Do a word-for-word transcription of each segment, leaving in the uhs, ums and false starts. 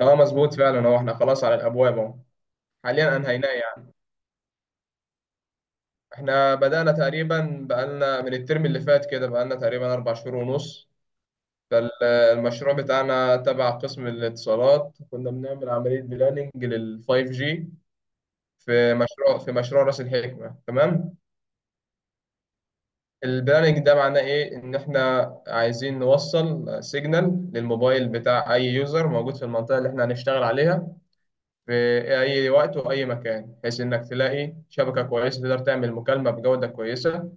اه مظبوط فعلا. هو احنا خلاص على الابواب اهو، حاليا انهيناه يعني. احنا بدانا تقريبا بقالنا من الترم اللي فات كده، بقالنا تقريبا اربع شهور ونص. فالمشروع بتاعنا تبع قسم الاتصالات كنا بنعمل عمليه بلاننج لل 5 جي في مشروع في مشروع راس الحكمه. تمام. البلاننج ده معناه ايه؟ ان احنا عايزين نوصل سيجنال للموبايل بتاع اي يوزر موجود في المنطقه اللي احنا هنشتغل عليها في أي وقت وأي مكان، بحيث إنك تلاقي شبكة كويسة تقدر تعمل مكالمة بجودة كويسة،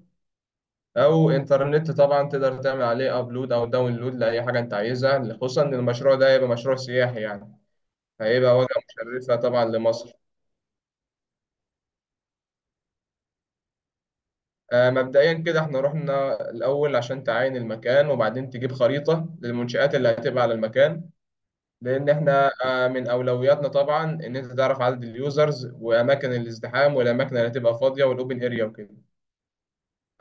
أو إنترنت طبعا تقدر تعمل عليه أبلود أو داونلود لأي حاجة أنت عايزها. خصوصا إن المشروع ده هيبقى مشروع سياحي يعني، هيبقى وجهة مشرفة طبعا لمصر. آه، مبدئيا كده احنا رحنا الأول عشان تعاين المكان وبعدين تجيب خريطة للمنشآت اللي هتبقى على المكان. لأن احنا آه، من أولوياتنا طبعا إن أنت تعرف عدد اليوزرز وأماكن الازدحام والأماكن اللي هتبقى فاضية والأوبن أريا وكده.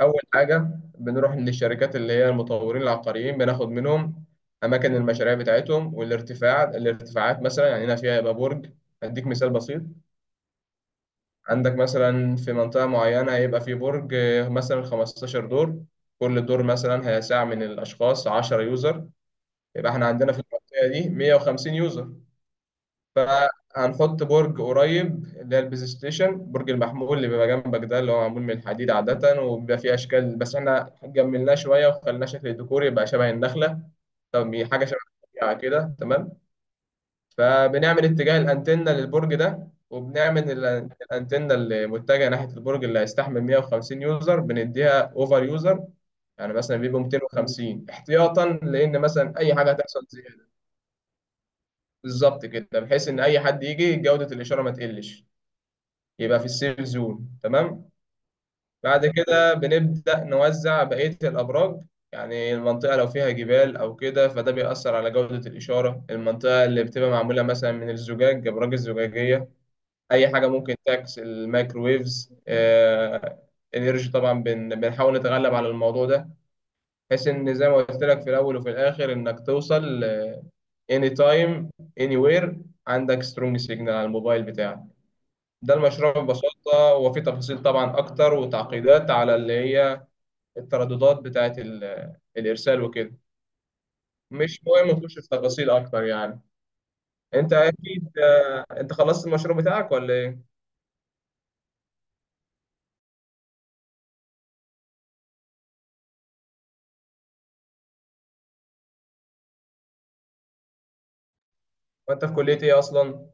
أول حاجة بنروح للشركات اللي هي المطورين العقاريين، بناخد منهم أماكن المشاريع بتاعتهم والارتفاع الارتفاعات. مثلا يعني هنا فيها يبقى برج. أديك مثال بسيط: عندك مثلا في منطقة معينة هيبقى في برج آه، مثلا خمستاشر دور، كل دور مثلا هيسع من الأشخاص عشرة يوزر، يبقى إحنا عندنا في المنطقة دي مية وخمسين يوزر. فهنحط برج قريب، اللي هي البلاي ستيشن، برج المحمول اللي بيبقى جنبك ده اللي هو معمول من الحديد عادة وبيبقى فيه أشكال، بس إحنا جملناه شوية وخلناه شكل ديكوري يبقى شبه النخلة. طب حاجة شبه الطبيعة كده. تمام. فبنعمل اتجاه الأنتنة للبرج ده، وبنعمل ال- الأنتنة اللي متجهة ناحية البرج اللي هيستحمل مئة وخمسين يوزر بنديها أوفر يوزر، يعني مثلا بيبقوا ميتين وخمسين احتياطا، لان مثلا اي حاجه هتحصل زياده. بالظبط كده، بحيث ان اي حد يجي جوده الاشاره ما تقلش، يبقى في السيف زون. تمام. بعد كده بنبدأ نوزع بقية الأبراج. يعني المنطقة لو فيها جبال أو كده فده بيأثر على جودة الإشارة. المنطقة اللي بتبقى معمولة مثلا من الزجاج، أبراج الزجاجية، أي حاجة ممكن تعكس الميكروويفز آه، الإنرجي، طبعا بن- بنحاول نتغلب على الموضوع ده. بحيث إن زي ما قلت لك في الأول وفي الآخر إنك توصل آه، anytime anywhere عندك سترونج سيجنال على الموبايل بتاعك. ده المشروع ببساطة، وفي تفاصيل طبعا أكتر وتعقيدات على اللي هي الترددات بتاعة ال- الإرسال وكده. مش مهم نخش في تفاصيل أكتر يعني. أنت أكيد آه، أنت خلصت المشروع بتاعك ولا إيه؟ وأنت في كلية إيه أصلا؟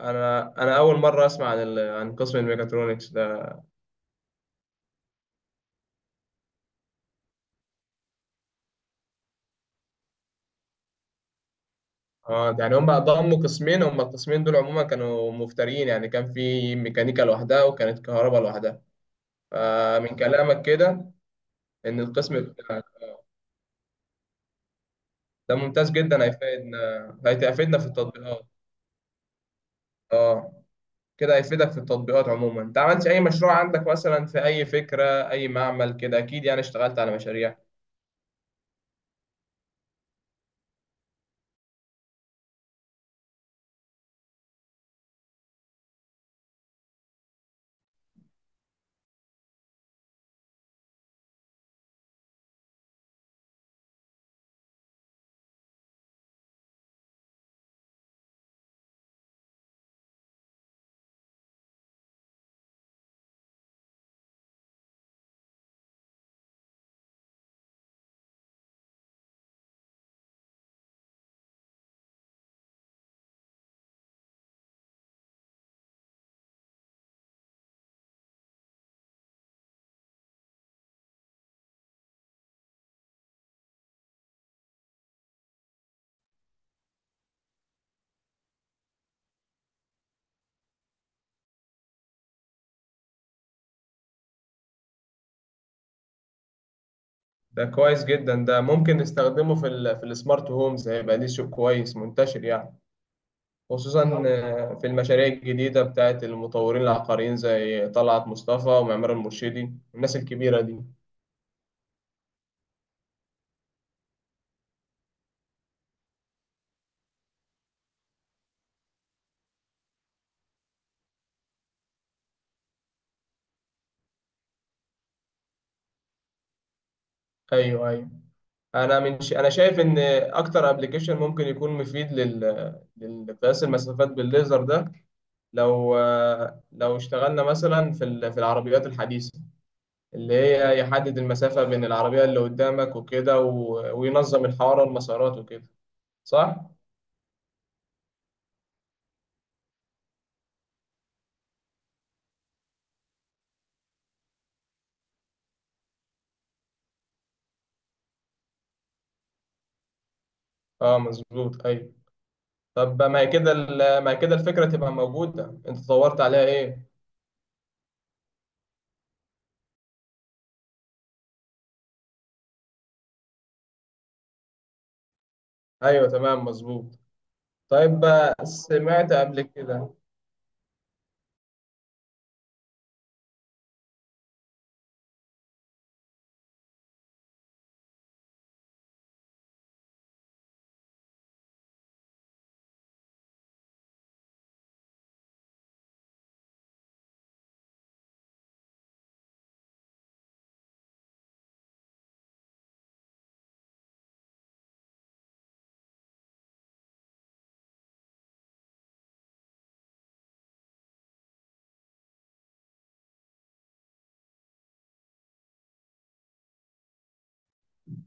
أنا أنا أول مرة أسمع عن ال... عن قسم الميكاترونكس ده. اه يعني هم ضموا قسمين، هم القسمين دول عموما كانوا مفترين يعني، كان في ميكانيكا لوحدها وكانت كهرباء لوحدها. فمن كلامك كده ان القسم ده ممتاز جدا، هيفيدنا هيفيدنا في التطبيقات. اه كده هيفيدك في التطبيقات عموما. انت عملت اي مشروع عندك مثلا؟ في اي فكرة، اي معمل كده، اكيد يعني اشتغلت على مشاريع. ده كويس جدا، ده ممكن نستخدمه في ال في السمارت هومز، هيبقى ليه سوق كويس منتشر يعني. خصوصا آه، في المشاريع الجديدة بتاعت المطورين العقاريين زي طلعت مصطفى ومعمار المرشدي والناس الكبيرة دي. ايوه، ايوه. انا من ش... انا شايف ان اكتر ابلكيشن ممكن يكون مفيد لل... لقياس المسافات بالليزر ده، لو لو اشتغلنا مثلا في ال... في العربيات الحديثه اللي هي يحدد المسافه بين العربيه اللي قدامك وكده، و... وينظم الحوار والمسارات وكده. صح. اه مظبوط ايوه. طب ما هي كده ال... ما هي كده الفكره تبقى موجوده، انت دورت عليها ايه؟ ايوه تمام مظبوط. طيب، سمعت قبل كده.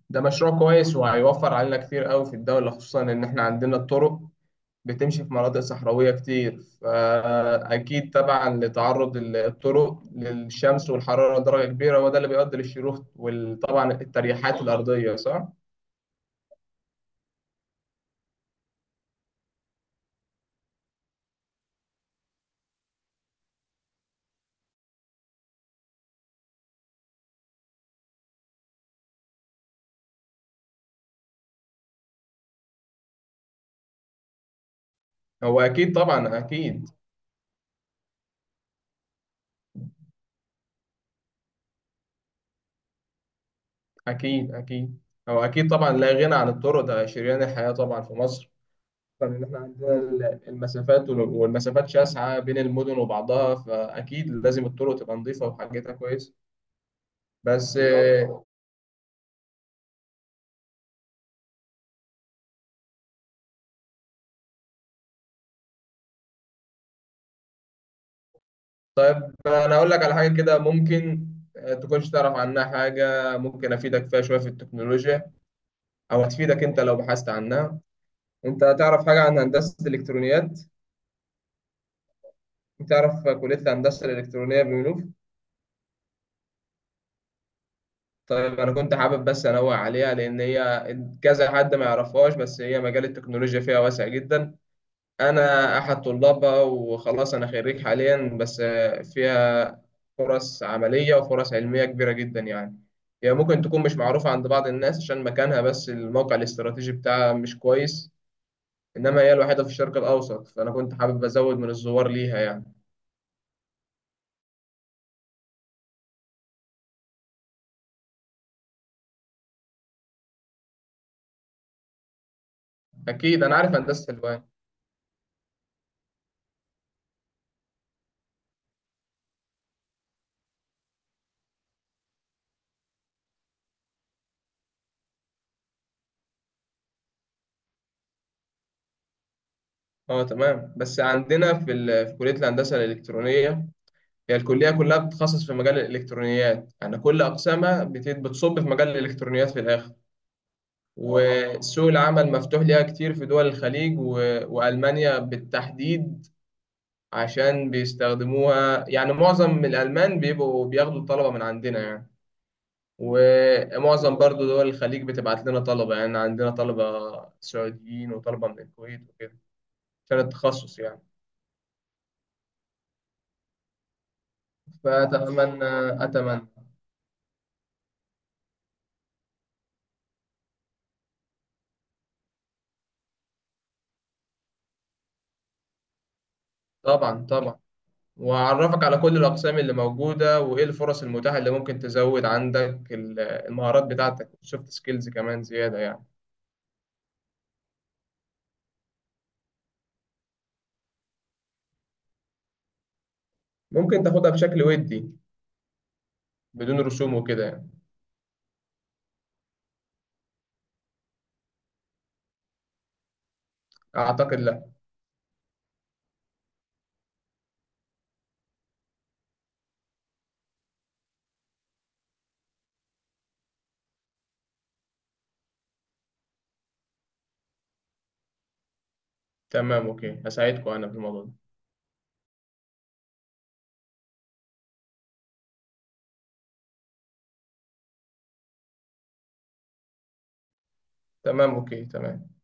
ده مشروع كويس، وهيوفر علينا كتير قوي في الدولة. خصوصا إن إحنا عندنا الطرق بتمشي في مناطق صحراوية كتير، فأكيد طبعا لتعرض الطرق للشمس والحرارة درجة كبيرة هو ده اللي بيؤدي للشروخ، وطبعا التريحات الأرضية، صح؟ هو أكيد طبعا، أكيد، أكيد، أكيد. هو أكيد طبعا، لا غنى عن الطرق، ده شريان الحياة طبعا في مصر. طبعاً إن إحنا عندنا ال- المسافات وال- والمسافات شاسعة بين المدن وبعضها، فأكيد لازم الطرق تبقى نظيفة وحاجتها كويس. بس انا اقول لك على حاجه كده، ممكن آه، تكونش تعرف عنها حاجه، ممكن افيدك فيها شويه في التكنولوجيا او هتفيدك انت لو بحثت عنها. انت تعرف حاجه عن هندسه الالكترونيات؟ تعرف كليه الهندسه الالكترونيه بمنوف؟ طيب انا كنت حابب بس انوه عليها، لان هي كذا حد ما يعرفهاش، بس هي مجال التكنولوجيا فيها واسع جدا. انا احد طلابها وخلاص، انا خريج حاليا. بس آه، فيها فرص عمليه وفرص علميه كبيره جدا يعني. هي ممكن تكون مش معروفه عند بعض الناس عشان مكانها، بس الموقع الاستراتيجي بتاعها مش كويس. انما هي الوحيده في الشرق الاوسط، فانا كنت حابب ازود من الزوار ليها يعني. اكيد انا عارف هندسه الوان. اه تمام. بس عندنا في ال... في كليه الهندسه الالكترونيه، هي الكليه كلها بتتخصص في مجال الالكترونيات يعني، كل اقسامها بت... بتصب في مجال الالكترونيات في الاخر. وسوق العمل مفتوح ليها كتير في دول الخليج و- وألمانيا بالتحديد، عشان بيستخدموها يعني. معظم الألمان بيبقوا بياخدوا الطلبة من عندنا يعني، ومعظم برضو دول الخليج بتبعت لنا طلبة. يعني عندنا طلبة سعوديين وطلبة من الكويت وكده، عشان التخصص يعني. فأتمنى أتمنى طبعا، طبعا. وأعرفك على كل الأقسام اللي موجودة وإيه الفرص المتاحة اللي ممكن تزود عندك ال- المهارات بتاعتك، السوفت سكيلز كمان زيادة يعني. ممكن تاخدها بشكل ودي بدون رسوم وكده يعني. اعتقد لا. تمام اوكي، هساعدكم انا في الموضوع ده. تمام اوكي تمام.